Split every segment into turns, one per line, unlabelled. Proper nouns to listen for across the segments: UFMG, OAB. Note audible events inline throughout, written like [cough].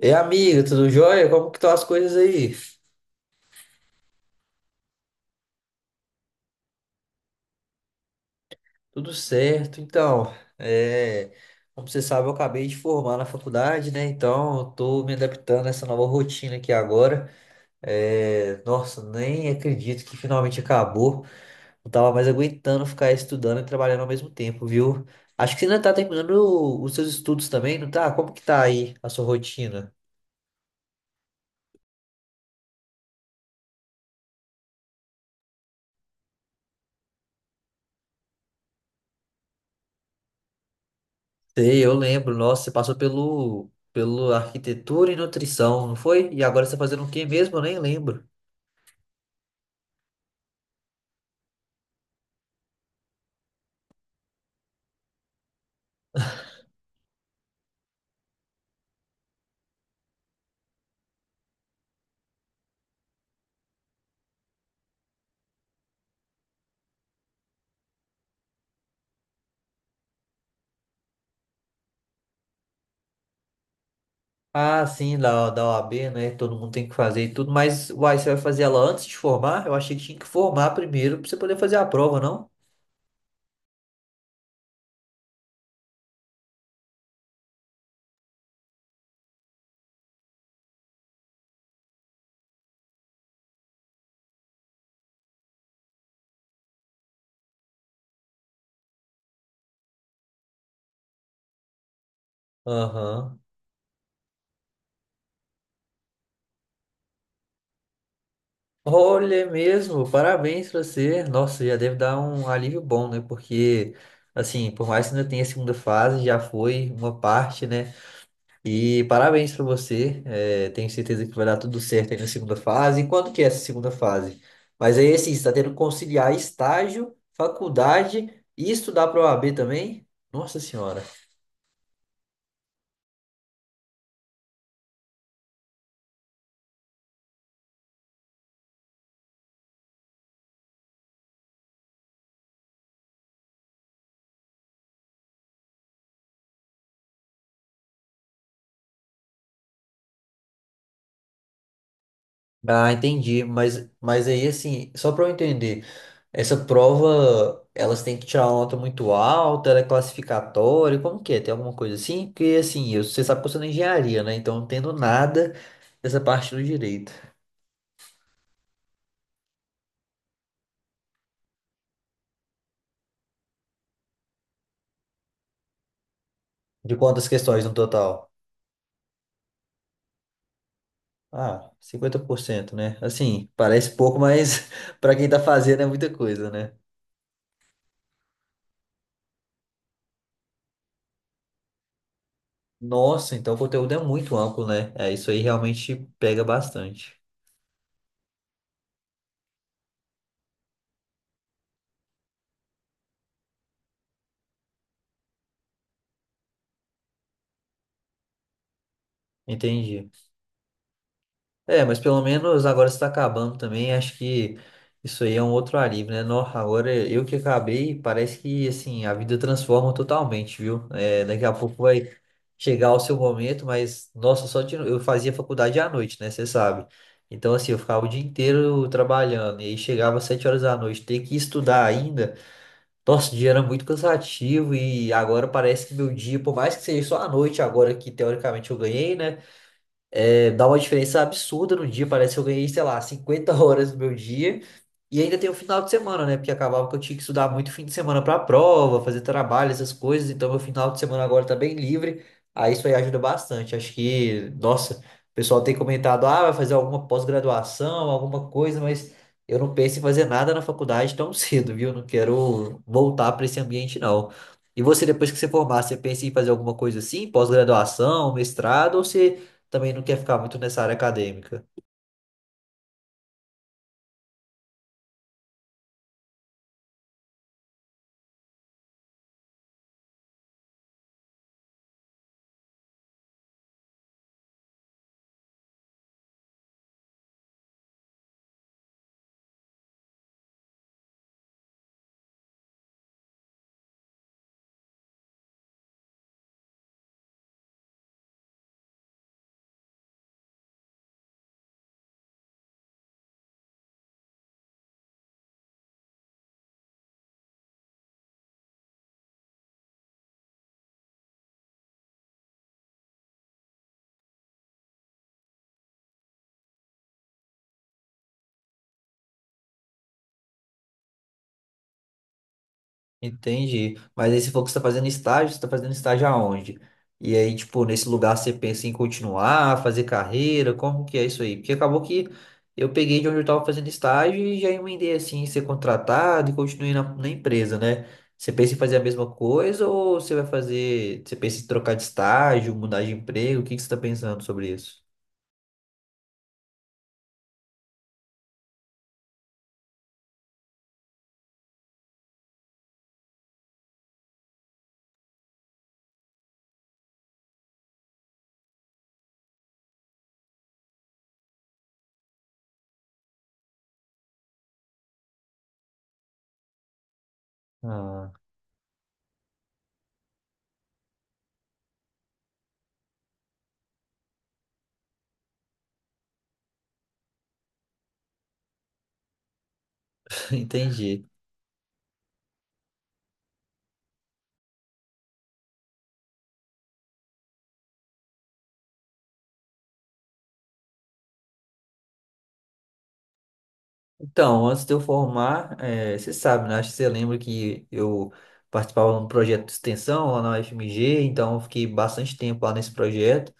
E amiga, tudo jóia? Como que estão as coisas aí? Tudo certo, então. é, Como você sabe, eu acabei de formar na faculdade, né? Então, eu tô me adaptando a essa nova rotina aqui agora. É, nossa, nem acredito que finalmente acabou. Não tava mais aguentando ficar estudando e trabalhando ao mesmo tempo, viu? Acho que você ainda tá terminando os seus estudos também, não tá? Como que tá aí a sua rotina? Sei, eu lembro. Nossa, você passou pelo arquitetura e nutrição, não foi? E agora você tá fazendo o quê mesmo? Eu nem lembro. Ah, sim, da OAB, né? Todo mundo tem que fazer e tudo, mas uai, você vai fazer ela antes de formar? Eu achei que tinha que formar primeiro pra você poder fazer a prova, não? Aham. Olha é mesmo, parabéns pra você. Nossa, já deve dar um alívio bom, né? Porque, assim, por mais que ainda tenha a segunda fase, já foi uma parte, né? E parabéns para você. É, tenho certeza que vai dar tudo certo aí na segunda fase. E quando que é essa segunda fase? Mas aí, assim, você está tendo que conciliar estágio, faculdade e estudar para o OAB também? Nossa Senhora. Ah, entendi. Mas aí, assim, só para eu entender, essa prova, elas têm que tirar uma nota muito alta, ela é classificatória, como que é? Tem alguma coisa assim? Porque, assim, eu- você sabe que eu sou da engenharia, né? Então, eu não entendo nada dessa parte do direito. De quantas questões no total? Ah, 50%, né? Assim, parece pouco, mas [laughs] para quem tá fazendo é muita coisa, né? Nossa, então o conteúdo é muito amplo, né? É, isso aí realmente pega bastante. Entendi. É, mas pelo menos agora está acabando também. Acho que isso aí é um outro alívio, né? No, agora eu que acabei, parece que assim a vida transforma totalmente, viu? É, daqui a pouco vai chegar o seu momento, mas nossa, só de, eu fazia faculdade à noite, né? Você sabe. Então assim eu ficava o dia inteiro trabalhando e aí chegava às sete horas da noite, ter que estudar ainda. Nossa, o dia era muito cansativo e agora parece que meu dia, por mais que seja só à noite agora que teoricamente eu ganhei, né? É, dá uma diferença absurda no dia. Parece que eu ganhei, sei lá, 50 horas do meu dia. E ainda tem o final de semana, né? Porque acabava que eu tinha que estudar muito fim de semana pra prova, fazer trabalho, essas coisas. Então, meu final de semana agora tá bem livre. Aí isso aí ajuda bastante. Acho que, nossa, o pessoal tem comentado, ah, vai fazer alguma pós-graduação, alguma coisa, mas eu não penso em fazer nada na faculdade tão [laughs] cedo, viu? Não quero voltar pra esse ambiente, não. E você, depois que você formar, você pensa em fazer alguma coisa assim, pós-graduação, mestrado, ou você também não quer ficar muito nessa área acadêmica. Entendi. Mas aí você falou que você está fazendo estágio, você está fazendo estágio aonde? E aí, tipo, nesse lugar você pensa em continuar, fazer carreira, como que é isso aí? Porque acabou que eu peguei de onde eu estava fazendo estágio e já emendei assim, em ser contratado e continuei na empresa, né? Você pensa em fazer a mesma coisa ou você vai fazer, você pensa em trocar de estágio, mudar de emprego? O que que você está pensando sobre isso? Ah, [laughs] entendi. Então, antes de eu formar, você sabe, né? Acho que você lembra que eu participava de um projeto de extensão lá na UFMG, então eu fiquei bastante tempo lá nesse projeto.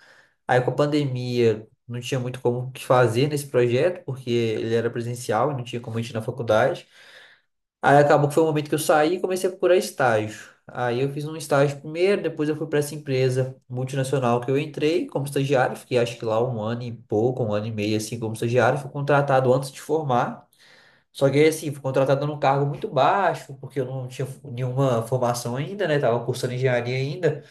Aí com a pandemia não tinha muito como o que fazer nesse projeto, porque ele era presencial e não tinha como a gente ir na faculdade. Aí acabou que foi o momento que eu saí e comecei a procurar estágio. Aí eu fiz um estágio primeiro, depois eu fui para essa empresa multinacional que eu entrei como estagiário, fiquei acho que lá um ano e pouco, um ano e meio assim como estagiário, fui contratado antes de formar. Só que aí, assim, fui contratado num cargo muito baixo, porque eu não tinha nenhuma formação ainda, né? Tava cursando engenharia ainda.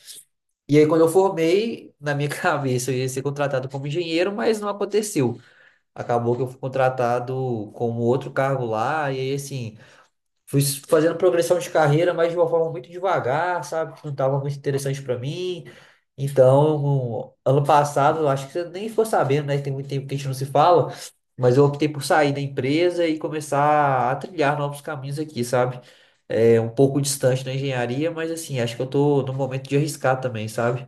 E aí, quando eu formei, na minha [laughs] cabeça, eu ia ser contratado como engenheiro, mas não aconteceu. Acabou que eu fui contratado como outro cargo lá, e aí, assim, fui fazendo progressão de carreira, mas de uma forma muito devagar, sabe? Que não estava muito interessante para mim. Então, ano passado, eu acho que você nem ficou sabendo, né? Tem muito tempo que a gente não se fala, mas eu optei por sair da empresa e começar a trilhar novos caminhos aqui, sabe? É um pouco distante da engenharia, mas assim, acho que eu tô no momento de arriscar também, sabe?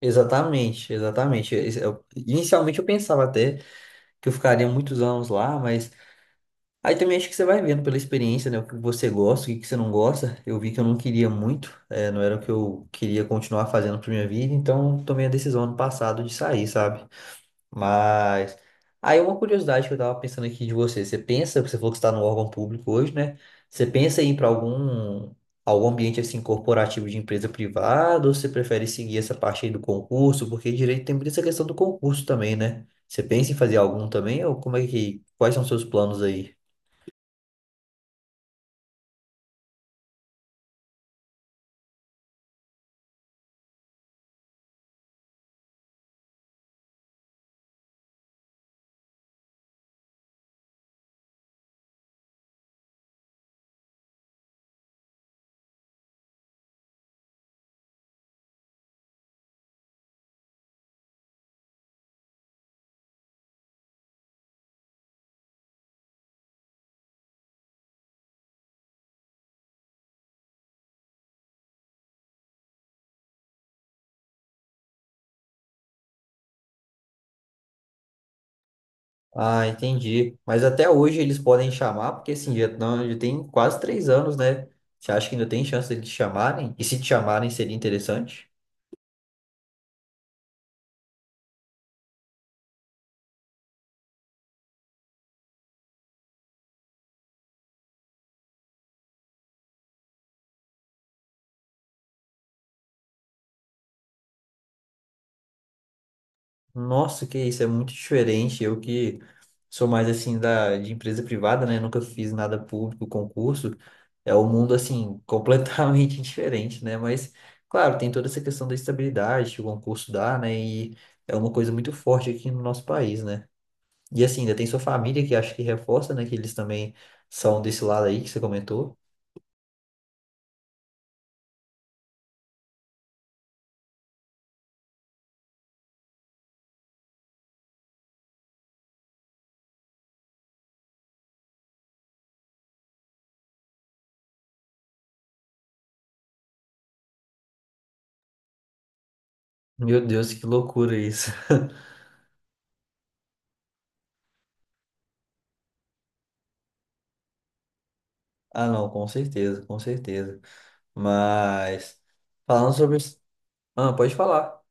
Exatamente, exatamente. Inicialmente eu pensava até que eu ficaria muitos anos lá, mas aí também acho que você vai vendo pela experiência, né? O que você gosta, o que que você não gosta. Eu vi que eu não queria muito, não era o que eu queria continuar fazendo pra minha vida, então tomei a decisão ano passado de sair, sabe? Mas. Aí uma curiosidade que eu tava pensando aqui de você. Você pensa, você falou que está no órgão público hoje, né? Você pensa em ir pra algum, algum ambiente assim corporativo de empresa privada, ou você prefere seguir essa parte aí do concurso? Porque direito tem muita essa questão do concurso também, né? Você pensa em fazer algum também, ou como é que. Quais são os seus planos aí? Ah, entendi. Mas até hoje eles podem chamar, porque assim, já, não, já tem quase três anos, né? Você acha que ainda tem chance de te chamarem? E se te chamarem, seria interessante? Nossa, que isso, é muito diferente. Eu que sou mais assim da, de empresa privada, né? Nunca fiz nada público, concurso. É um mundo assim, [laughs] completamente diferente, né? Mas, claro, tem toda essa questão da estabilidade que o concurso dá, né? E é uma coisa muito forte aqui no nosso país, né? E assim, ainda tem sua família que acho que reforça, né? Que eles também são desse lado aí que você comentou. Meu Deus, que loucura isso. [laughs] Ah, não, com certeza, com certeza. Mas, falando sobre. Ah, pode falar.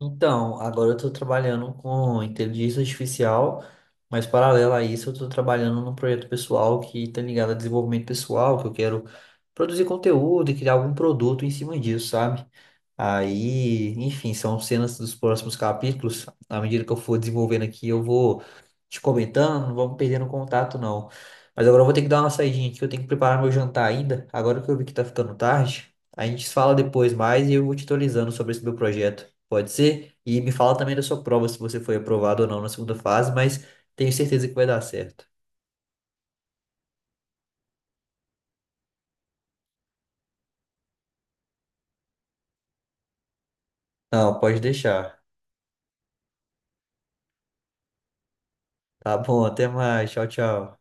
Então, agora eu estou trabalhando com inteligência artificial, mas paralelo a isso, eu estou trabalhando num projeto pessoal que está ligado a desenvolvimento pessoal, que eu quero produzir conteúdo e criar algum produto em cima disso, sabe? Aí, enfim, são cenas dos próximos capítulos. À medida que eu for desenvolvendo aqui, eu vou te comentando, não vamos perdendo contato, não. Mas agora eu vou ter que dar uma saidinha aqui, eu tenho que preparar meu jantar ainda. Agora que eu vi que tá ficando tarde, a gente se fala depois mais e eu vou te atualizando sobre esse meu projeto. Pode ser? E me fala também da sua prova, se você foi aprovado ou não na segunda fase, mas tenho certeza que vai dar certo. Não, pode deixar. Tá bom, até mais. Tchau, tchau.